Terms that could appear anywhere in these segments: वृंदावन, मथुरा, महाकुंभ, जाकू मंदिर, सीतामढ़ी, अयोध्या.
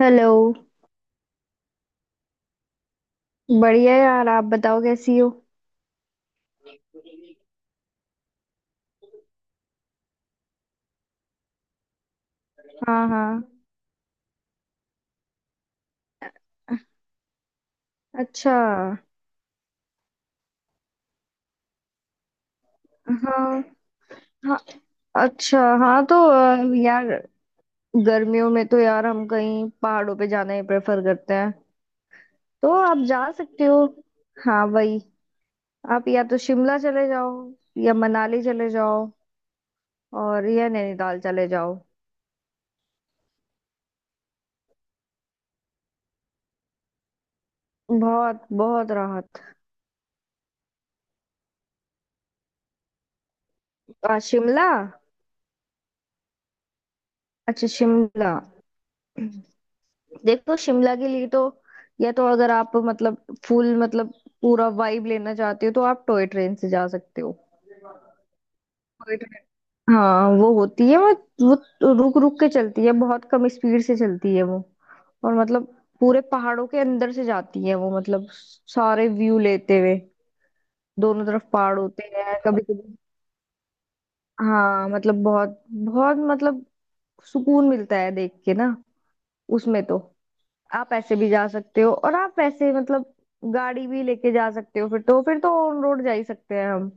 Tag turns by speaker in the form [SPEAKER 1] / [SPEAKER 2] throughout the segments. [SPEAKER 1] Hello. बढ़िया यार, आप बताओ कैसी हो? हाँ हाँ। अच्छा। हाँ हाँ। अच्छा। हाँ तो यार, गर्मियों में तो यार हम कहीं पहाड़ों पे जाना ही प्रेफर करते हैं। तो आप जा सकते हो। हाँ वही। आप या तो शिमला चले जाओ, या मनाली चले जाओ, और या नैनीताल चले जाओ। बहुत बहुत राहत। शिमला। अच्छा शिमला। देखो शिमला के लिए तो, या तो अगर आप मतलब, फुल मतलब, पूरा वाइब लेना चाहते हो तो आप टॉय ट्रेन से जा सकते हो। Toy train. हाँ वो होती है वो। वो रुक रुक के चलती है, बहुत कम स्पीड से चलती है वो। और मतलब, पूरे पहाड़ों के अंदर से जाती है वो, मतलब सारे व्यू लेते हुए। दोनों तरफ पहाड़ होते हैं कभी कभी। हाँ मतलब बहुत बहुत मतलब, सुकून मिलता है देख के ना। उसमें तो। आप ऐसे भी जा सकते हो और आप वैसे मतलब, गाड़ी भी लेके जा सकते हो, फिर तो ऑन रोड जा ही सकते हैं हम।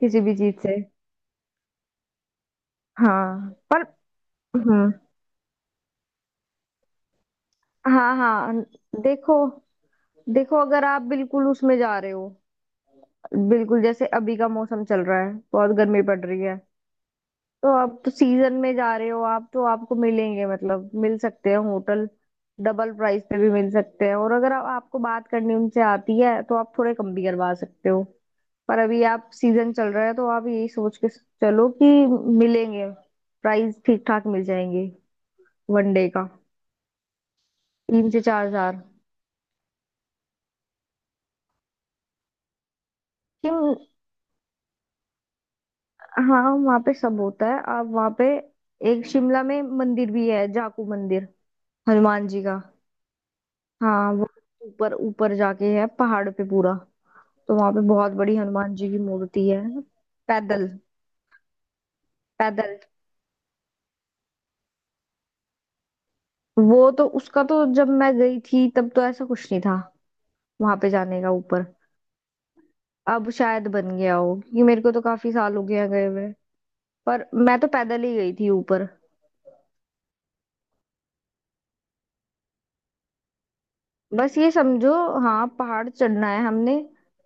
[SPEAKER 1] किसी भी चीज से। हाँ पर। हम्म। हाँ हाँ। देखो। देखो अगर आप बिल्कुल उसमें जा रहे हो, बिल्कुल जैसे अभी का मौसम चल रहा है, बहुत गर्मी पड़ रही है। तो आप तो सीजन में जा रहे हो, आप तो आपको मिलेंगे, मतलब मिल सकते हैं होटल। डबल प्राइस पे भी मिल सकते हैं, और अगर आपको बात करनी उनसे आती है तो आप थोड़े कम भी करवा सकते हो। पर अभी आप सीजन चल रहा है तो आप यही सोच के चलो कि मिलेंगे, प्राइस ठीक ठाक मिल जाएंगे। वनडे का 3 से 4 हजार। लेकिन हाँ वहाँ पे सब होता है, आप वहाँ पे, एक शिमला में मंदिर भी है, जाकू मंदिर, हनुमान जी का। हाँ वो ऊपर ऊपर जाके है पहाड़ पे पूरा। तो वहाँ पे बहुत बड़ी हनुमान जी की मूर्ति है। पैदल। पैदल। वो तो उसका तो जब मैं गई थी तब तो ऐसा कुछ नहीं था, वहां पे जाने का ऊपर। अब शायद बन गया हो, ये मेरे को तो काफी साल हो गया गए हुए। पर मैं तो पैदल ही गई थी ऊपर। बस ये समझो। हाँ पहाड़ चढ़ना है हमने।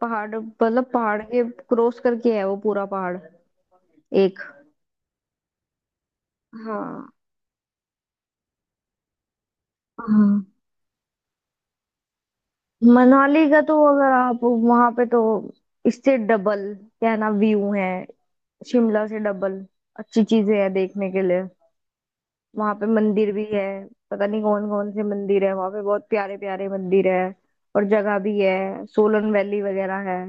[SPEAKER 1] पहाड़ मतलब पहाड़ के क्रॉस करके है वो, पूरा पहाड़। एक। हाँ हाँ। मनाली का तो, अगर आप वहां पे तो, इससे डबल, क्या है ना व्यू है, शिमला से डबल अच्छी चीजें हैं देखने के लिए। वहां पे मंदिर भी है, पता नहीं कौन कौन से मंदिर है वहां पे, बहुत प्यारे प्यारे मंदिर है। और जगह भी है, सोलन वैली वगैरह है,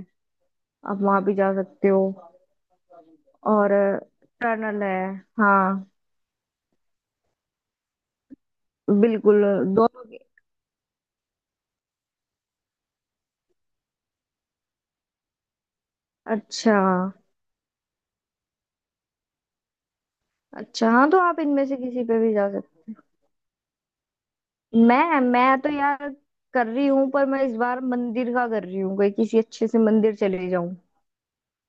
[SPEAKER 1] आप वहां भी जा सकते हो। और टनल है। हाँ बिल्कुल। दोनों के-। अच्छा अच्छा। हाँ तो आप इनमें से किसी पे भी जा सकते हो। मैं तो यार कर रही हूँ, पर मैं इस बार मंदिर का कर रही हूँ, कहीं किसी अच्छे से मंदिर चले जाऊं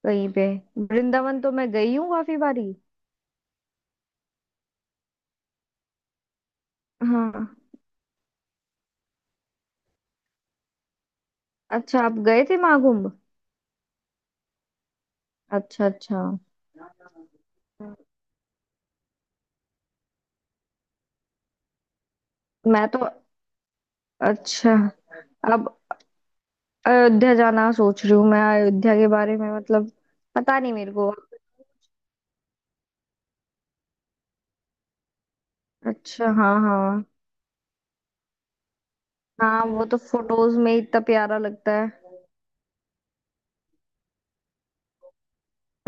[SPEAKER 1] कहीं पे। वृंदावन तो मैं गई हूँ काफी बारी। हाँ। अच्छा, आप गए थे महाकुंभ। अच्छा अच्छा। हम्म। मैं तो। अच्छा। अब अयोध्या जाना सोच रही हूँ मैं, अयोध्या के बारे में मतलब पता नहीं मेरे को। अच्छा हाँ हाँ। हाँ वो तो फोटोज में ही इतना प्यारा लगता है।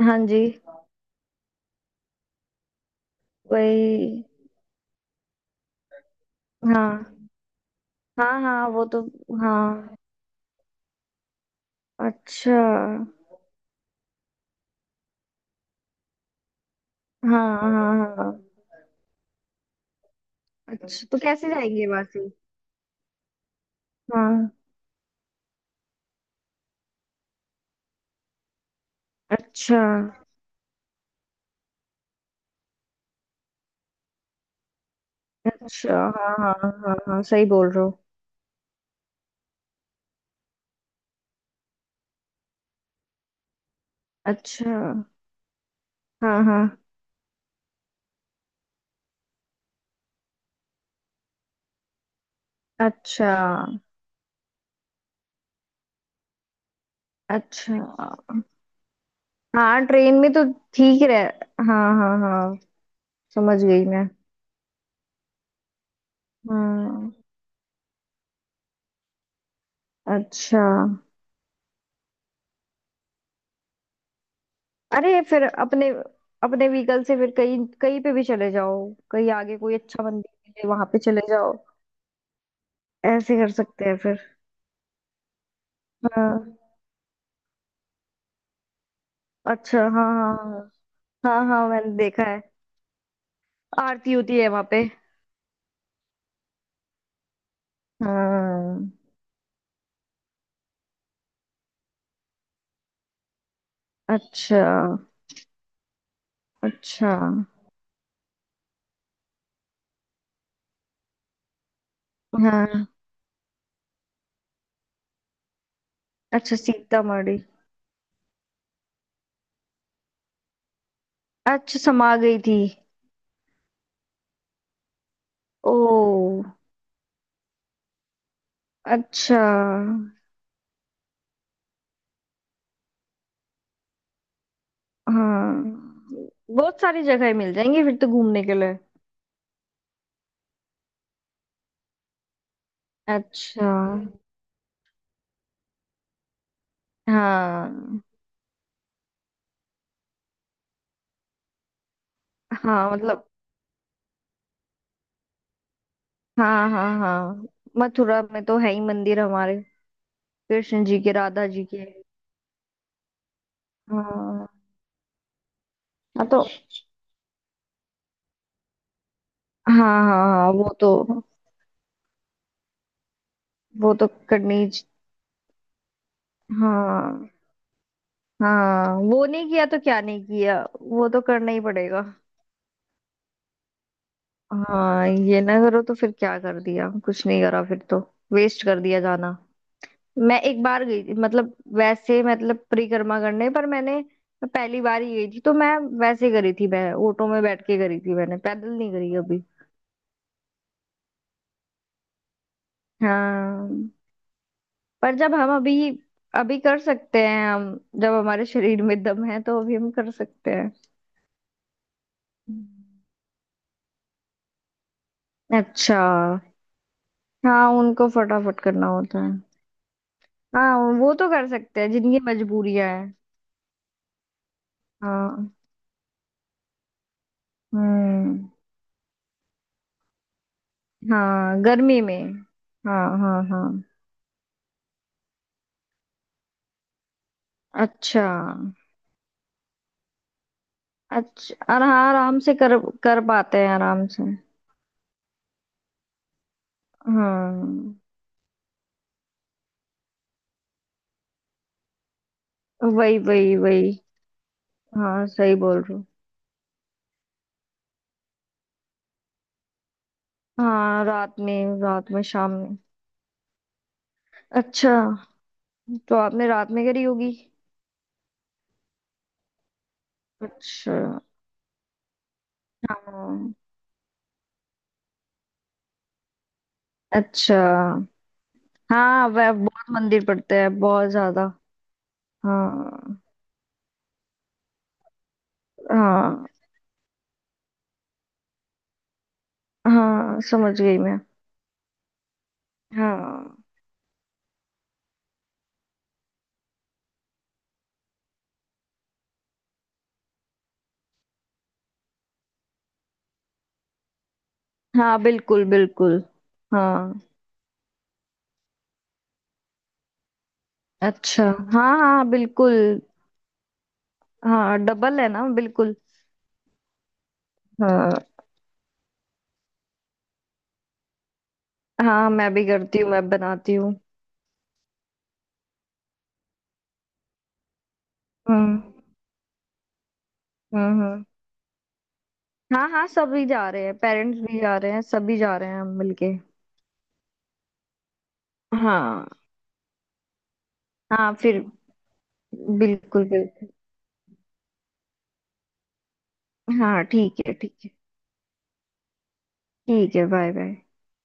[SPEAKER 1] हाँ जी। वही। हाँ हाँ। हाँ वो तो। हाँ। अच्छा। हाँ हाँ। हाँ। अच्छा तो कैसे जाएंगे वासी। हाँ। अच्छा अच्छा। हाँ हाँ। हाँ हाँ सही बोल रहे हो। अच्छा। हाँ हाँ। अच्छा अच्छा। हाँ ट्रेन में तो ठीक रह, हाँ हाँ हाँ। समझ गई मैं। हम्म। अच्छा। अरे फिर अपने, अपने व्हीकल से फिर कहीं कहीं पे भी चले जाओ। कहीं आगे कोई अच्छा मंदिर मिले वहां पे चले जाओ। ऐसे कर सकते हैं फिर। हाँ। अच्छा हाँ हाँ। हाँ हाँ हाँ मैंने देखा है। आरती होती है वहां पे। हाँ। अच्छा अच्छा। हाँ। अच्छा सीतामढ़ी। अच्छा समा गई थी। ओ। अच्छा। हाँ बहुत सारी जगह मिल जाएंगी फिर तो घूमने के लिए। अच्छा। हाँ हाँ मतलब। हाँ हाँ हाँ। मथुरा में तो है ही मंदिर हमारे, कृष्ण जी के राधा जी के। हाँ। हाँ तो। हाँ। हाँ हाँ वो तो। वो तो करनी च-। हाँ हाँ। वो नहीं किया तो क्या नहीं किया, वो तो करना ही पड़ेगा। हाँ ये ना करो तो फिर क्या कर दिया, कुछ नहीं करा फिर तो। वेस्ट कर दिया जाना। मैं एक बार गई थी, मतलब वैसे मतलब, परिक्रमा करने पर मैंने, मैं पहली बार ही गई थी तो मैं वैसे करी थी, मैं ऑटो में बैठ के करी थी, मैंने पैदल नहीं करी अभी। हाँ। पर जब हम अभी, अभी कर सकते हैं हम, जब हमारे शरीर में दम है तो अभी हम कर सकते हैं। हम्म। अच्छा। हाँ उनको फटाफट करना होता है। हाँ वो तो कर सकते हैं जिनकी मजबूरियां हैं। हाँ। हम्म। हाँ गर्मी में। हाँ हाँ हाँ। अच्छा। अच्छा और हाँ आराम से कर, कर पाते हैं आराम से। हाँ वही वही वही। हाँ सही बोल रहे हो। हाँ रात में शाम में। अच्छा तो आपने रात में करी होगी। अच्छा। हाँ। अच्छा। हाँ वह बहुत मंदिर पड़ते हैं बहुत ज्यादा। हाँ हाँ हाँ। समझ गई मैं। हाँ हाँ बिल्कुल बिल्कुल। हाँ। अच्छा। हाँ हाँ बिल्कुल। हाँ डबल है ना बिल्कुल। हाँ। हाँ मैं भी करती हूँ मैं बनाती हूँ। हम्म हम्म हम्म। हाँ हाँ सभी जा रहे हैं पेरेंट्स भी जा रहे हैं सभी जा रहे हैं हम मिलके। हाँ। हाँ फिर। बिल्कुल बिल्कुल। हाँ ठीक है ठीक है। ठीक है बाय बाय।